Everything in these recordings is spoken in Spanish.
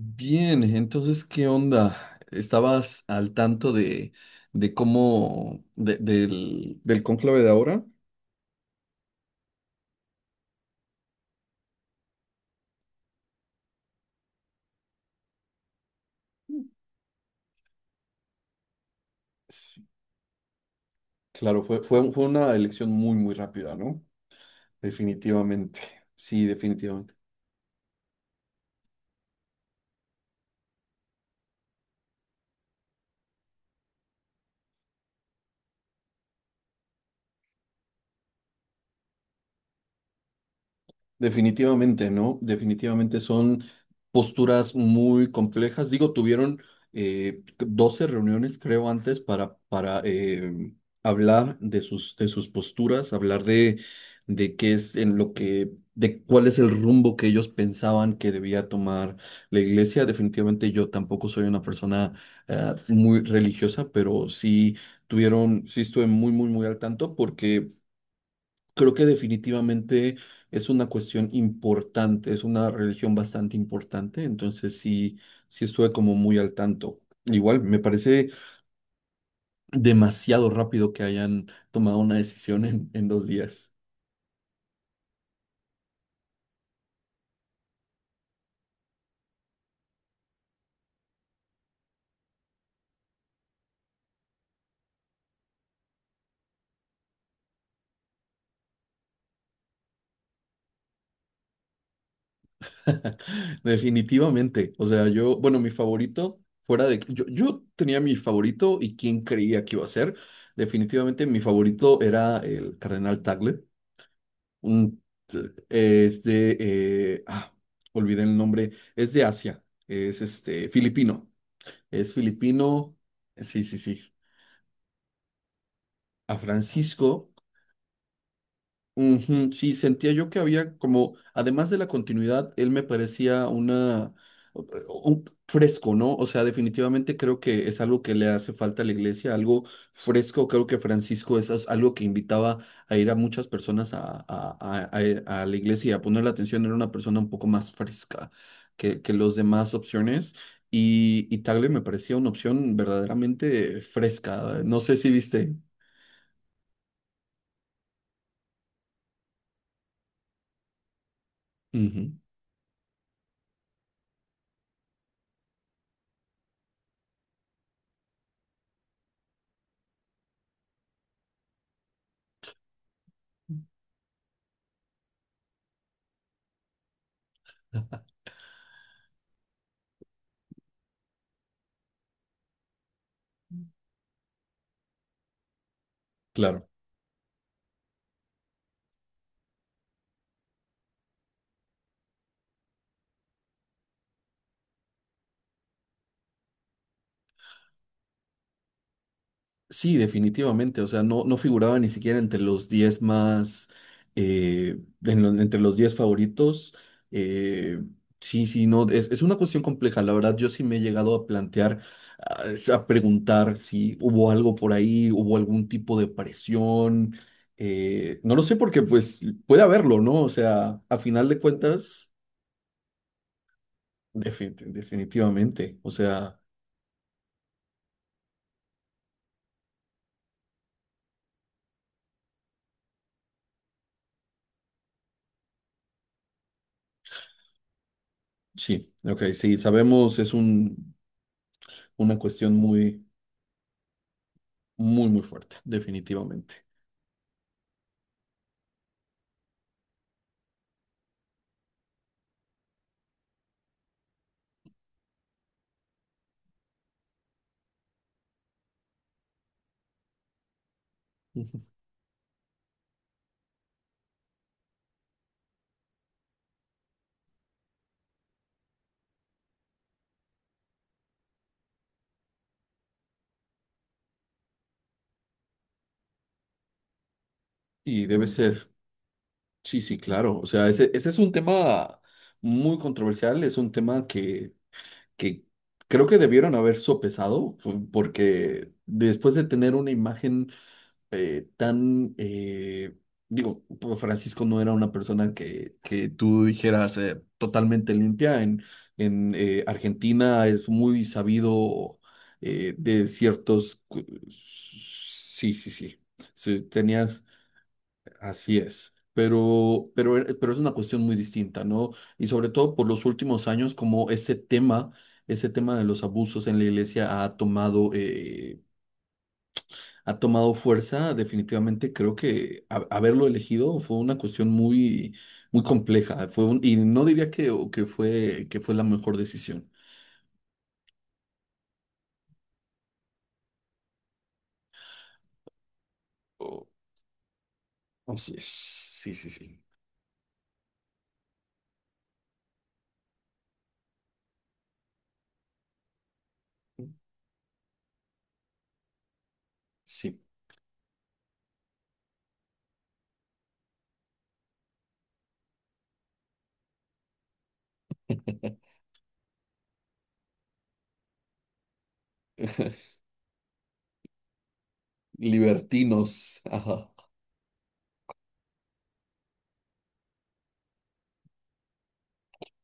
Bien, entonces, ¿qué onda? ¿Estabas al tanto de cómo, de- del, del cónclave de ahora? Sí, claro, fue una elección muy, muy rápida, ¿no? Definitivamente, sí, definitivamente. Definitivamente, ¿no? Definitivamente son posturas muy complejas. Digo, tuvieron 12 reuniones, creo, antes para hablar de sus posturas, hablar de qué es de cuál es el rumbo que ellos pensaban que debía tomar la iglesia. Definitivamente yo tampoco soy una persona muy religiosa, pero sí estuve muy, muy, muy al tanto porque creo que definitivamente es una cuestión importante, es una religión bastante importante, entonces sí, sí estuve como muy al tanto. Igual, me parece demasiado rápido que hayan tomado una decisión en 2 días. Definitivamente. O sea, yo, bueno, mi favorito. Yo tenía mi favorito y quién creía que iba a ser. Definitivamente mi favorito era el Cardenal Tagle. Un t- es de, ah, Olvidé el nombre, es de Asia, es filipino, es filipino, sí, sí, sí. A Francisco. Ujú, sí, sentía yo que había como, además de la continuidad, él me parecía fresco, ¿no? O sea, definitivamente creo que es algo que le hace falta a la iglesia, algo fresco. Creo que Francisco algo que invitaba a ir a muchas personas a la iglesia y a poner la atención. Era una persona un poco más fresca que los demás opciones. Y Tagle me parecía una opción verdaderamente fresca. No sé si viste. Ujú, claro. Sí, definitivamente. O sea, no, no figuraba ni siquiera entre los 10 más, entre los 10 favoritos. Eh, sí, sí, no, es una cuestión compleja. La verdad, yo sí me he llegado a plantear, a preguntar si hubo algo por ahí, hubo algún tipo de presión. No lo sé porque pues puede haberlo, ¿no? O sea, a final de cuentas, definitivamente. O sea, sí, ok, sí, sabemos, es una cuestión muy. Muy, muy fuerte, definitivamente. Ujú. Y debe ser, sí, sí, claro. O sea, ese es un tema muy controversial, es un tema que creo que debieron haber sopesado, porque después de tener una imagen eh, tan, eh, digo, pues, Francisco no era una persona que tú dijeras totalmente limpia. En Argentina es muy sabido de ciertos. Sí, sí, sí. Sí, tenías, así es. Pero es una cuestión muy distinta, ¿no? Y sobre todo por los últimos años, como ese tema de los abusos en la iglesia ha tomado fuerza, definitivamente creo que haberlo elegido fue una cuestión muy, muy compleja. Y no diría que fue la mejor decisión. Oh, así es. Sí, sí, sí. Sí. Libertinos. Ajá.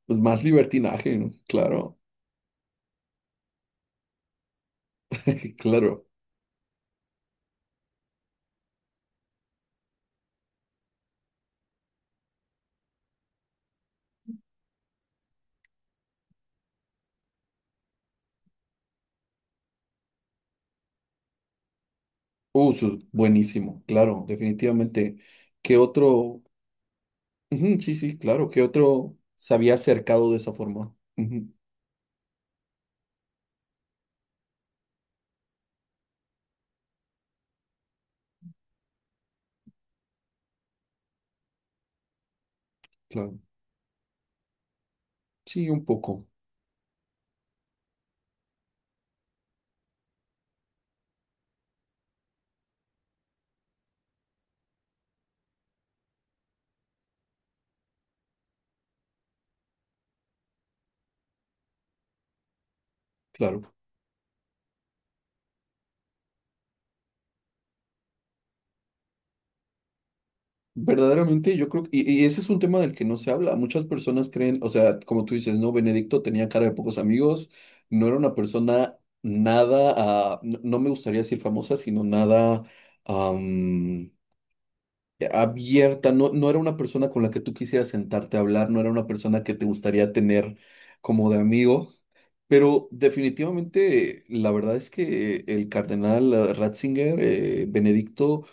Pues más libertinaje, ¿no? Claro. Claro. Eso es buenísimo. Claro, definitivamente. ¿Qué otro? Ujú, sí, sí, claro. ¿Qué otro se había acercado de esa forma? Ujú, claro. Sí, un poco. Claro. Verdaderamente, yo creo que, y ese es un tema del que no se habla. Muchas personas creen, o sea, como tú dices, ¿no? Benedicto tenía cara de pocos amigos, no era una persona nada, no me gustaría decir famosa, sino nada am, abierta, no, no era una persona con la que tú quisieras sentarte a hablar, no era una persona que te gustaría tener como de amigo. Pero definitivamente, la verdad es que el cardenal Ratzinger, Benedicto,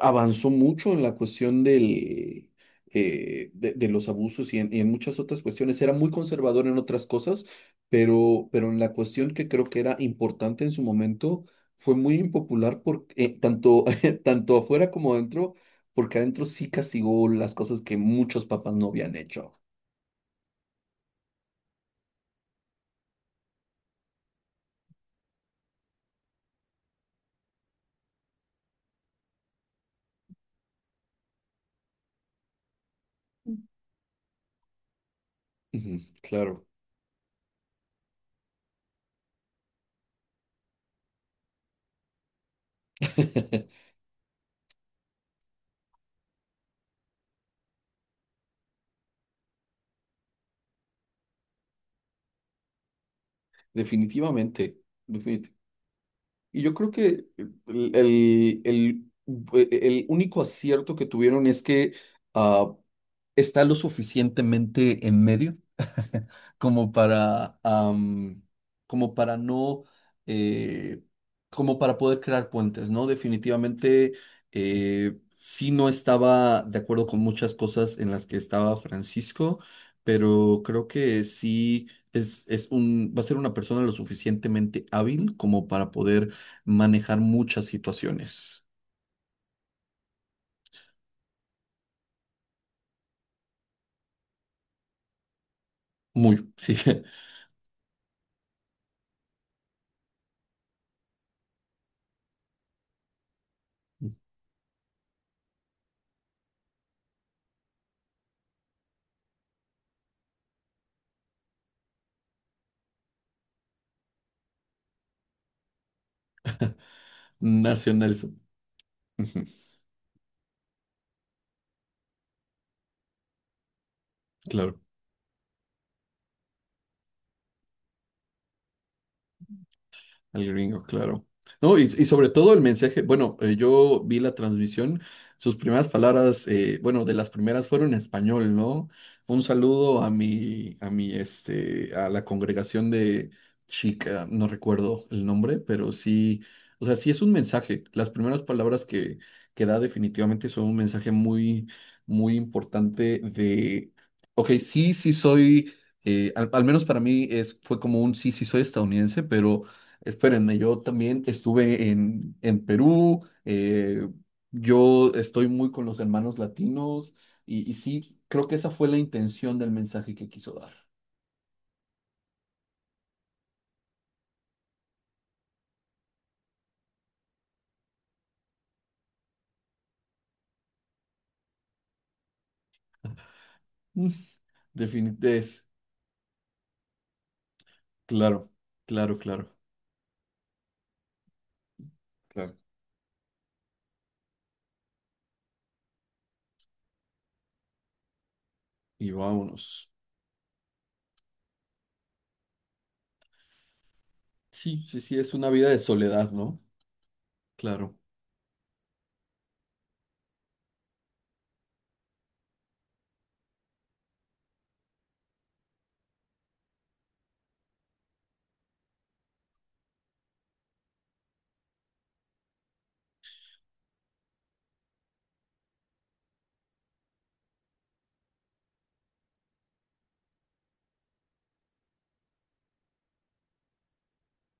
avanzó mucho en la cuestión de los abusos y en muchas otras cuestiones. Era muy conservador en otras cosas, pero en la cuestión que creo que era importante en su momento, fue muy impopular tanto, tanto afuera como adentro, porque adentro sí castigó las cosas que muchos papás no habían hecho. Ujú, claro. Definitivamente. Definitivamente. Y yo creo que el, el, el- el único acierto que tuvieron es que ah, está lo suficientemente en medio como para, am, como para no, eh, como para poder crear puentes, ¿no? Definitivamente sí no estaba de acuerdo con muchas cosas en las que estaba Francisco, pero creo que sí va a ser una persona lo suficientemente hábil como para poder manejar muchas situaciones. Muy, sí. Nacionalismo. Ujú, claro. Al gringo, claro. No, y sobre todo el mensaje, bueno, yo vi la transmisión, sus primeras palabras, bueno, de las primeras fueron en español, ¿no? Un saludo a la congregación de chica, no recuerdo el nombre, pero sí, o sea, sí es un mensaje. Las primeras palabras que da definitivamente son un mensaje muy, muy importante de, ok, sí, sí soy, al menos para mí es, fue como un sí, sí soy estadounidense, pero espérenme, yo también estuve en Perú, yo estoy muy con los hermanos latinos y sí, creo que esa fue la intención del mensaje que quiso dar. Mm. Es claro, claro, claro, claro. Y vámonos. Sí, sí, sí, es una vida de soledad, ¿no? Claro,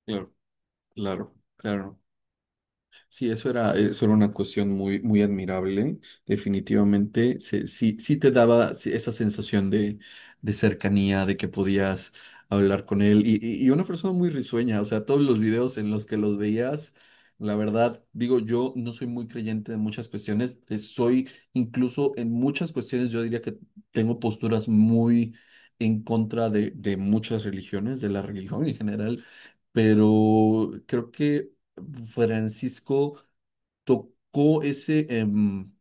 claro, claro, claro. Sí, eso era una cuestión muy, muy admirable. Definitivamente, sí, sí te daba sí, esa sensación de cercanía, de que podías hablar con él. Y una persona muy risueña, o sea, todos los videos en los que los veías, la verdad, digo, yo no soy muy creyente de muchas cuestiones. Soy incluso en muchas cuestiones, yo diría que tengo posturas muy en contra de muchas religiones, de la religión en general. Pero creo que Francisco tocó ese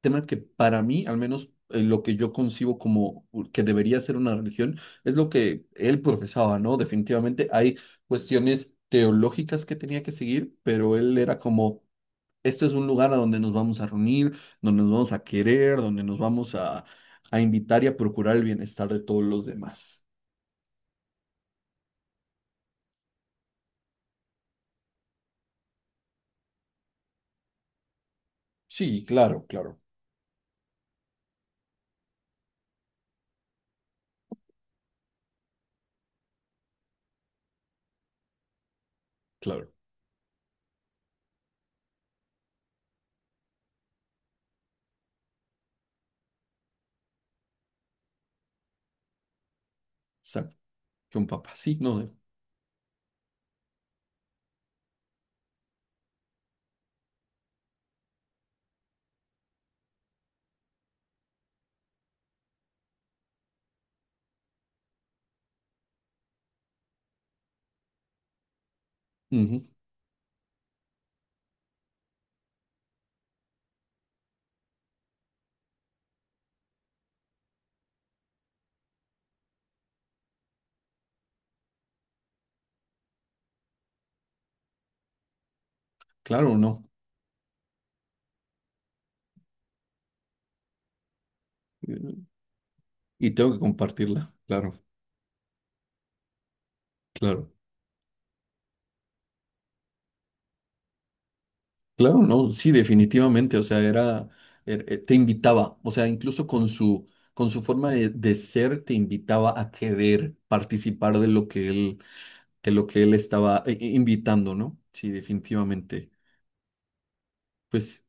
tema que para mí, al menos lo que yo concibo como que debería ser una religión, es lo que él profesaba, ¿no? Definitivamente hay cuestiones teológicas que tenía que seguir, pero él era como, este es un lugar a donde nos vamos a reunir, donde nos vamos a querer, donde nos vamos a invitar y a procurar el bienestar de todos los demás. Sí, claro, claro, claro. Exacto. Que un papá, sí, no sé. Ujú, claro, no. Y tengo que compartirla, claro, claro. Claro, no, sí, definitivamente, o sea, era, te invitaba, o sea, incluso con su forma de ser, te invitaba a querer participar de lo que él, de lo que él estaba invitando, ¿no? Sí, definitivamente. Pues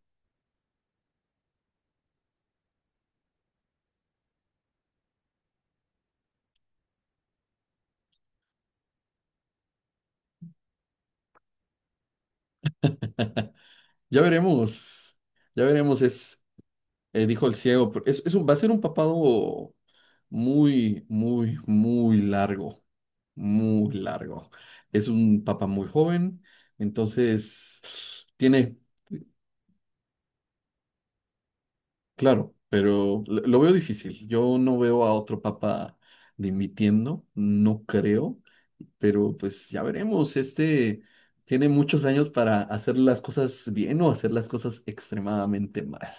ya veremos, ya veremos. Dijo el ciego, pero va a ser un papado muy, muy, muy largo, muy largo. Es un papa muy joven, entonces tiene, claro, pero lo veo difícil. Yo no veo a otro papa dimitiendo, no creo, pero pues ya veremos. Este tiene muchos años para hacer las cosas bien o hacer las cosas extremadamente mal.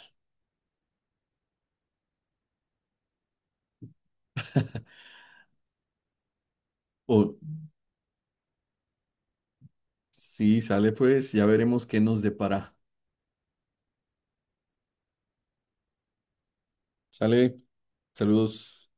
O si sale, pues ya veremos qué nos depara. Sale, saludos.